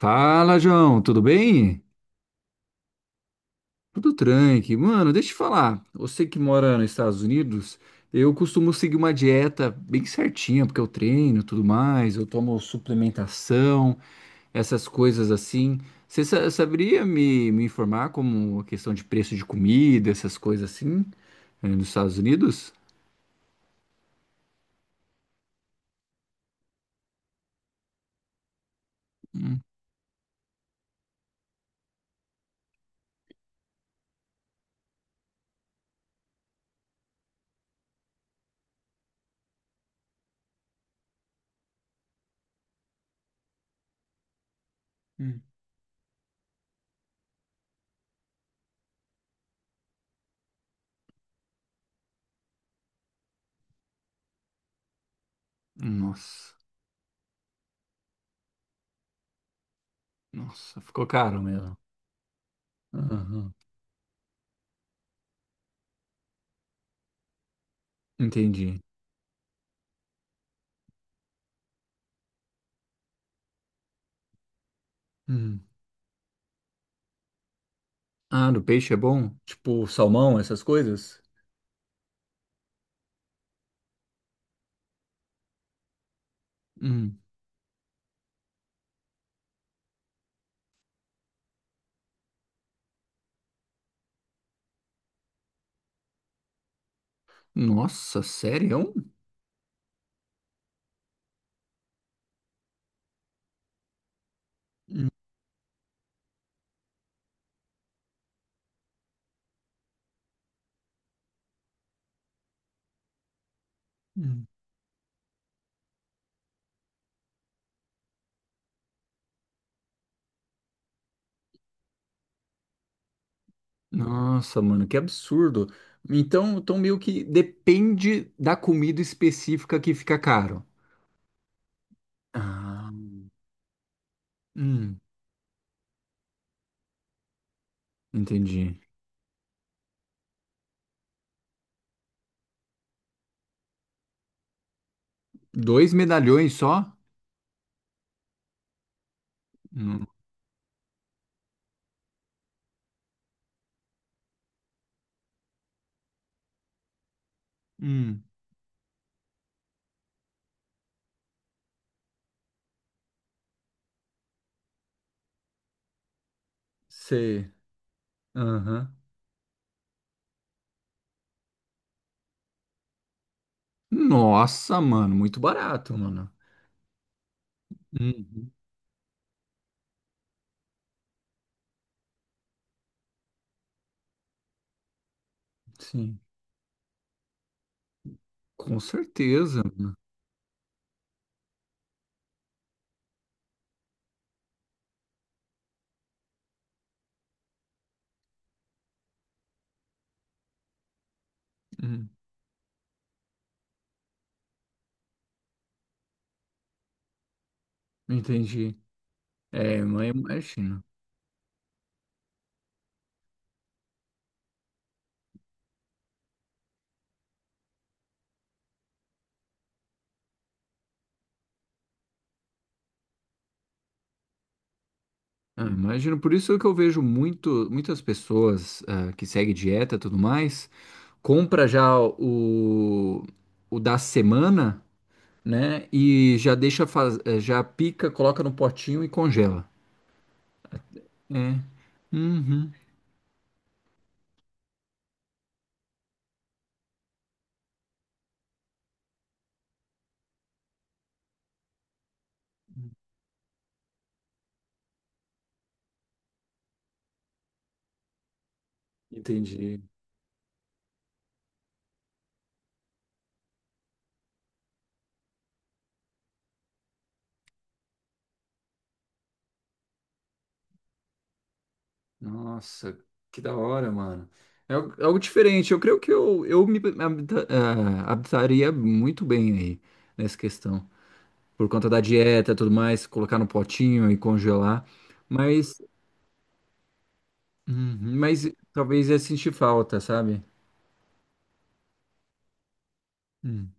Fala, João, tudo bem? Tudo tranqui. Mano, deixa eu te falar. Você que mora nos Estados Unidos, eu costumo seguir uma dieta bem certinha, porque eu treino, e tudo mais, eu tomo suplementação, essas coisas assim. Você saberia me informar como a questão de preço de comida, essas coisas assim, nos Estados Unidos? Hum, hum. Nossa, nossa, ficou caro mesmo. Aham. Entendi. Hum. Ah, do peixe é bom? Tipo salmão, essas coisas? Hum. Nossa, sério? Hum, hum. Nossa, mano, que absurdo. Então, então meio que depende da comida específica que fica caro. Ah, hum, entendi. Dois medalhões só? Hum, hum, sei. Aham. Nossa, mano, muito barato, mano. Uhum. Sim, com certeza. Hum, entendi. É, mas imagina. Ah, imagino, por isso que eu vejo muitas pessoas ah, que seguem dieta e tudo mais, compra o da semana, né? E já deixa, já pica, coloca no potinho e congela. É. Uhum. Entendi. Nossa, que da hora, mano. É algo diferente. Eu creio que eu adaptaria muito bem aí nessa questão. Por conta da dieta e tudo mais, colocar no potinho e congelar. Mas uhum. Mas talvez ia sentir falta, sabe? Hum,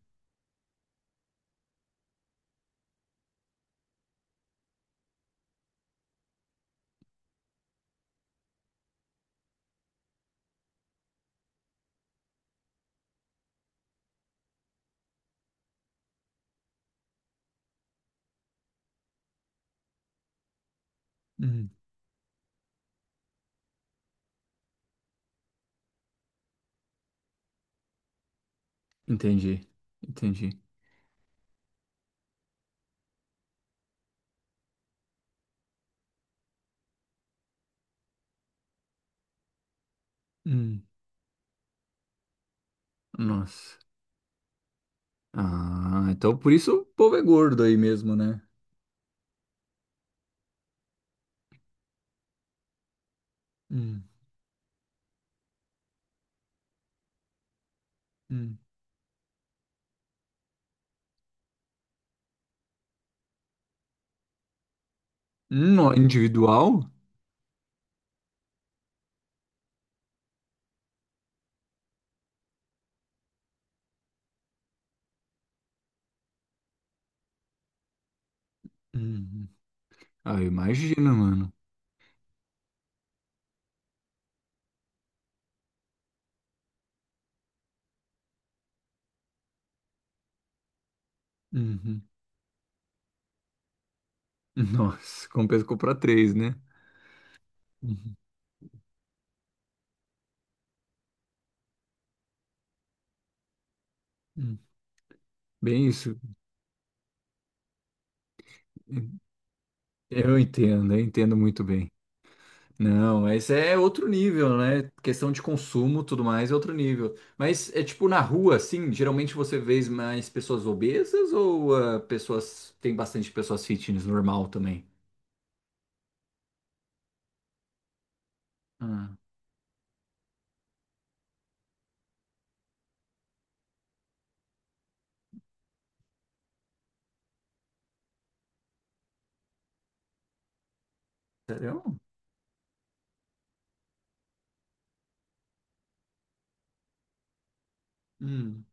hum. Entendi, entendi. Hum. Nossa. Ah, então por isso o povo é gordo aí mesmo, né? Hum, hum. No individual? Uhum. Ah, eu imagino, mano. Uhum. Nossa, compensa comprar três, né? Uhum, uhum. Bem isso. Eu entendo muito bem. Não, mas é outro nível, né? Questão de consumo, tudo mais, é outro nível. Mas é tipo na rua, assim, geralmente você vê mais pessoas obesas ou ah, pessoas tem bastante pessoas fitness normal também? Ah, sério? Hum,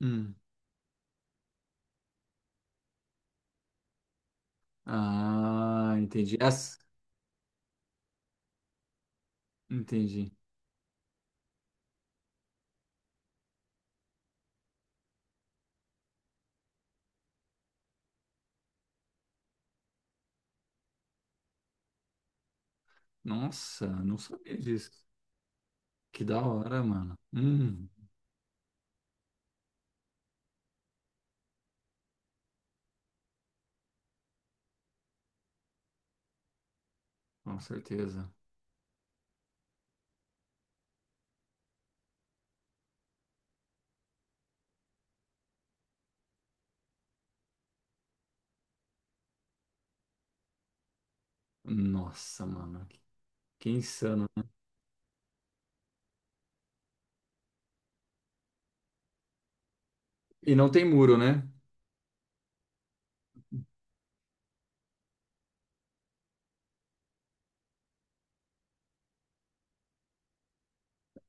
hum. Ah, entendi. Entendi. Nossa, não sabia disso. Que da hora, mano. Com certeza. Nossa, mano, que insano. E não tem muro, né?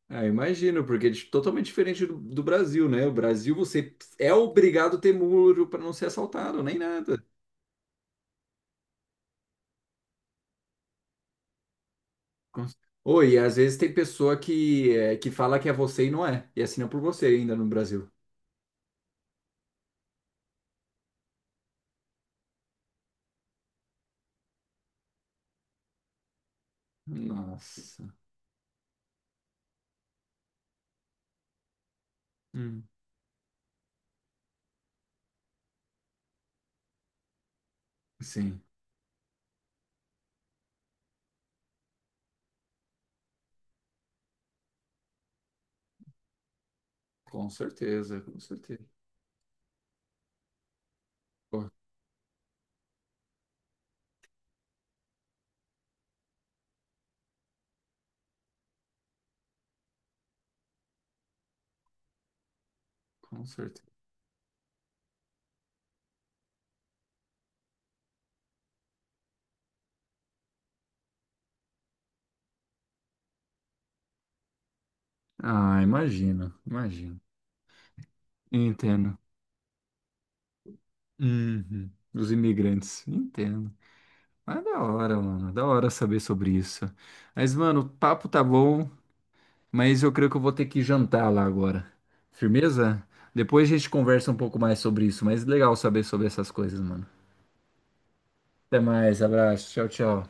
Ah, imagino, porque é totalmente diferente do, do Brasil, né? O Brasil você é obrigado a ter muro para não ser assaltado, nem nada. Cons- Oi, e às vezes tem pessoa que, é, que fala que é você e não é, e assina por você ainda no Brasil. Nossa. Hum. Sim, com certeza, com certeza. Pô, com certeza. Ah, imagino, imagino. Entendo. Uhum. Os imigrantes, entendo. Mas da hora, mano, da hora saber sobre isso. Mas, mano, o papo tá bom. Mas eu creio que eu vou ter que jantar lá agora. Firmeza? Depois a gente conversa um pouco mais sobre isso, mas legal saber sobre essas coisas, mano. Até mais, abraço, tchau, tchau.